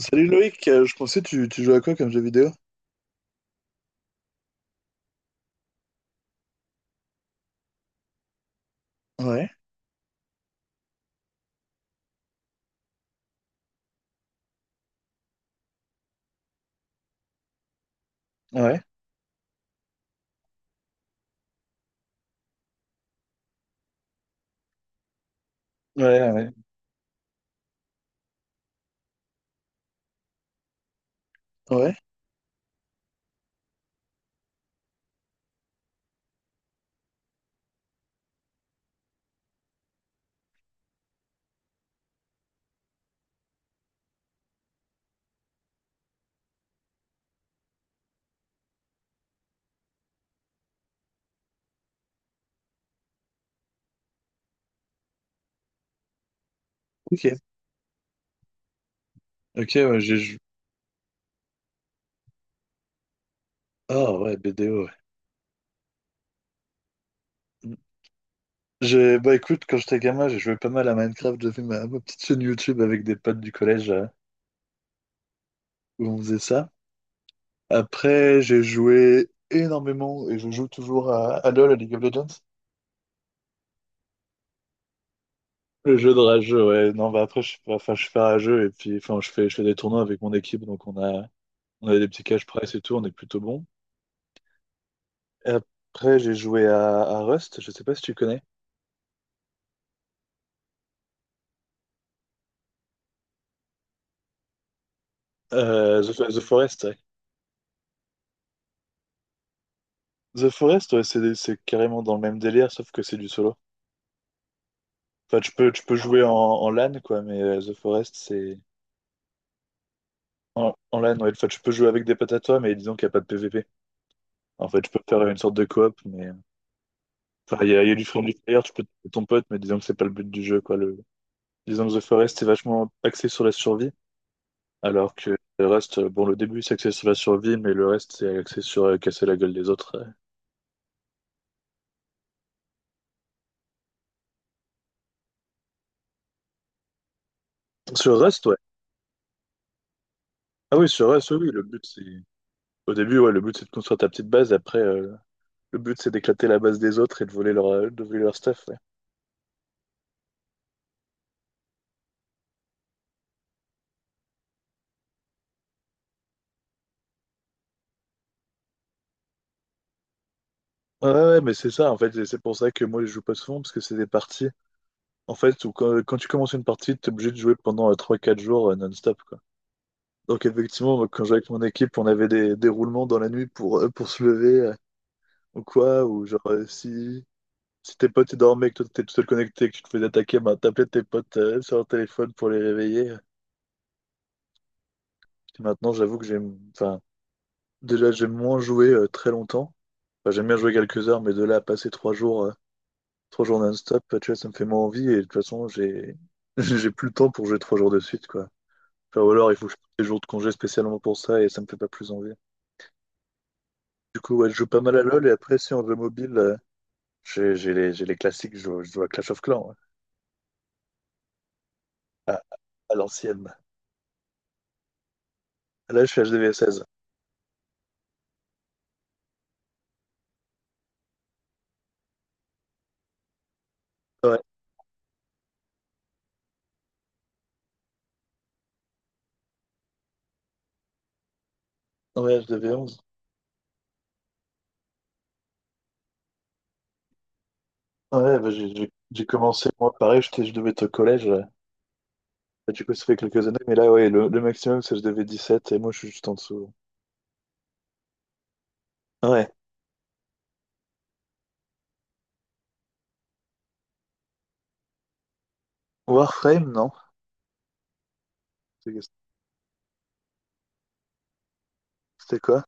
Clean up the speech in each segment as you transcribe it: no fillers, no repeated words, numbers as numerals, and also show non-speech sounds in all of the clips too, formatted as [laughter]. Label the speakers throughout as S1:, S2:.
S1: Salut Loïc, je pensais tu joues à quoi comme jeu vidéo? Ouais, ouais, ouais, ouais, ouais, ok. Ok, ouais, j'ai joué. Ah ouais, BDO, ouais. Mm. Bah écoute, quand j'étais gamin, j'ai joué pas mal à Minecraft, j'avais ma petite chaîne YouTube avec des potes du collège où on faisait ça. Après, j'ai joué énormément et je joue toujours à LoL, à League of Legends. Le jeu de rageux, ouais. Non, bah après, je suis pas, enfin, je suis pas rageux et puis, enfin, je fais des tournois avec mon équipe, donc on a des petits cash price et tout, on est plutôt bon. Après, j'ai joué à Rust, je sais pas si tu connais. The Forest, ouais. The Forest, ouais, c'est carrément dans le même délire, sauf que c'est du solo. Enfin, tu peux jouer en LAN, quoi, mais The Forest, c'est... En LAN, ouais. Enfin, tu peux jouer avec des potes à toi, mais disons qu'il n'y a pas de PVP. En fait, tu peux faire une sorte de coop, mais... Enfin, il y a du friendly fire, tu peux taper ton pote, mais disons que c'est pas le but du jeu, quoi. Le... Disons que The Forest est vachement axé sur la survie, alors que Rust, bon, le début, c'est axé sur la survie, mais le reste, c'est axé sur casser la gueule des autres. Sur Rust, ouais. Ah oui, sur Rust, oui, oui, le but c'est. Au début, ouais, le but c'est de construire ta petite base, après le but c'est d'éclater la base des autres et de voler leur stuff. Ouais, ouais, ouais, ouais, mais c'est ça, en fait, et c'est pour ça que moi je joue pas souvent, parce que c'est des parties. En fait, où quand tu commences une partie, t'es obligé de jouer pendant 3-4 jours non-stop, quoi. Donc effectivement, moi, quand je jouais avec mon équipe, on avait des roulements dans la nuit pour se lever, ou quoi, ou genre si. Si tes potes ils dormaient, que toi t'étais tout seul connecté, que tu te faisais attaquer, ben, t'appelais tes potes sur leur téléphone pour les réveiller. Puis maintenant, j'avoue que enfin, déjà, j'aime moins jouer très longtemps. Enfin, j'aime bien jouer quelques heures, mais de là à passer trois jours non-stop, tu vois, ça me fait moins envie. Et de toute façon, j'ai [laughs] j'ai plus le temps pour jouer 3 jours de suite, quoi. Enfin, ou alors, il faut que je prenne des jours de congé spécialement pour ça, et ça me fait pas plus envie. Du coup, ouais, je joue pas mal à LoL, et après, si en jeu mobile, j'ai les classiques, je joue à Clash of Clans, ouais. À, à l'ancienne. Là, je suis HDV16. Ouais, ouais, HDV11. Ouais, bah, j'ai commencé, moi, pareil, je devais être au collège. Bah, du coup, ça fait quelques années, mais là, ouais, le maximum, c'est que je devais 17 et moi, je suis juste en dessous. Ouais. Warframe, non? C'est- C'était quoi?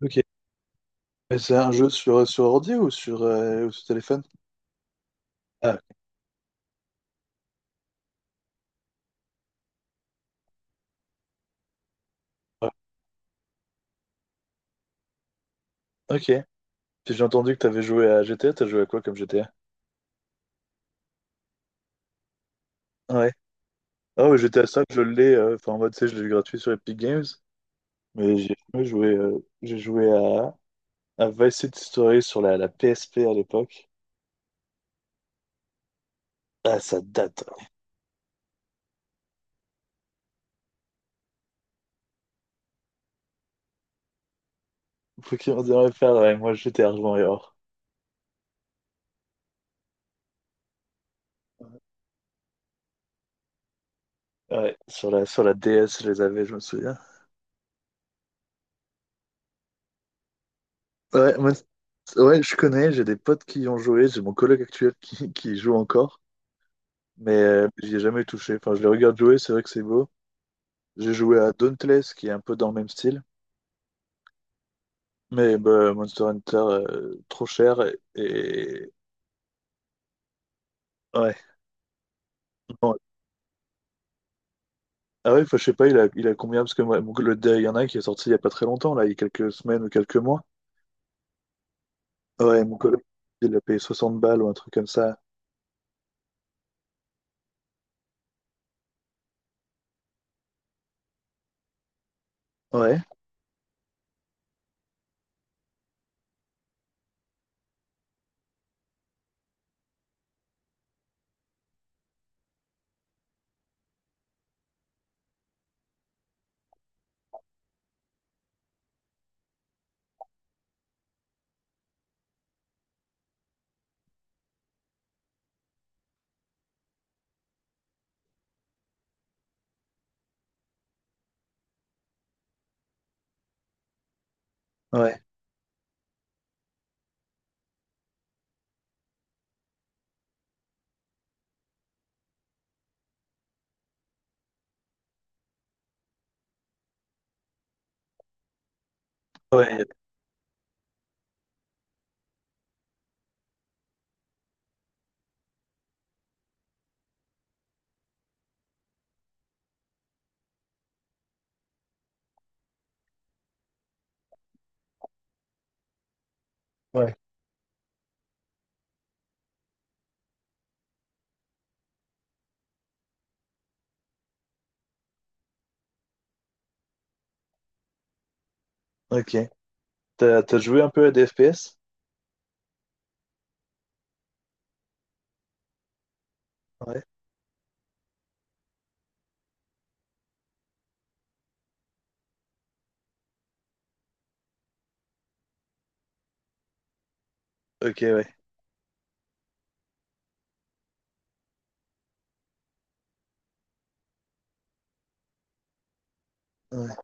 S1: Ok. Mais c'est un jeu sur ordi ou sur téléphone? Ah, ouais. Ok. Puis j'ai entendu que t'avais joué à GTA, t'as joué à quoi comme GTA? Ouais. Ah ouais, GTA 5, je l'ai, enfin, en mode, tu sais, je l'ai eu gratuit sur Epic Games, mais j'ai jamais joué, j'ai joué à Vice City Story sur la PSP à l'époque. Ah, ça date. Faut qu'il m'en faire, ouais, moi, GTA rejoint. Ouais, sur la DS, je les avais, je me souviens. Ouais, moi, ouais, je connais, j'ai des potes qui y ont joué, j'ai mon coloc actuel qui y joue encore, mais j'y ai jamais touché. Enfin, je les regarde jouer, c'est vrai que c'est beau. J'ai joué à Dauntless, qui est un peu dans le même style, mais bah, Monster Hunter, trop cher, et... Ouais. Non. Ah ouais, enfin, je sais pas, il a combien, parce que moi, il y en a un qui est sorti il y a pas très longtemps, là, il y a quelques semaines ou quelques mois. Ouais, mon coloc, il a payé 60 balles ou un truc comme ça. Ouais, ouais, ouais, ouais. Ok. T'as joué un peu à des FPS? Ouais. Ok, ouais. Ouais.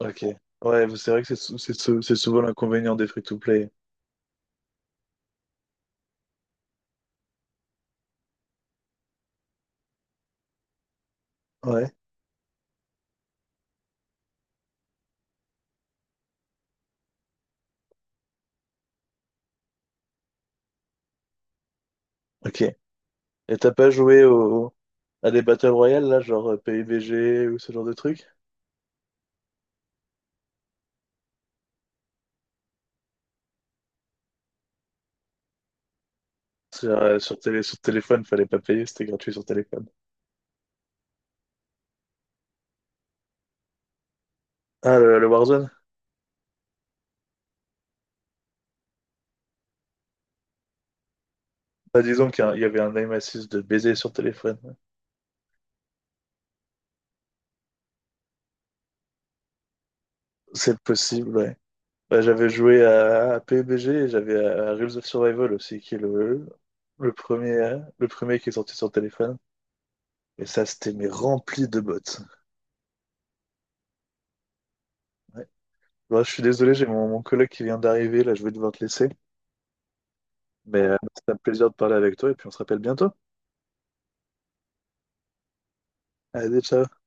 S1: Ok. Ouais, c'est vrai que c'est souvent l'inconvénient des free-to-play. Ouais. Ok. Et t'as pas joué à des Battle Royale, là, genre PUBG ou ce genre de truc? Sur téléphone, fallait pas payer, c'était gratuit sur téléphone. Ah, le Warzone? Bah, disons il y avait un aim assist de baiser sur téléphone. C'est possible, ouais. Bah, j'avais joué à PUBG et j'avais à Rules of Survival aussi, qui est le premier qui est sorti sur téléphone. Et ça, c'était mais rempli de bottes. Ouais. Bon, je suis désolé, j'ai mon collègue qui vient d'arriver, là, je vais devoir te laisser. Mais c'était un plaisir de parler avec toi et puis on se rappelle bientôt. Allez, ciao.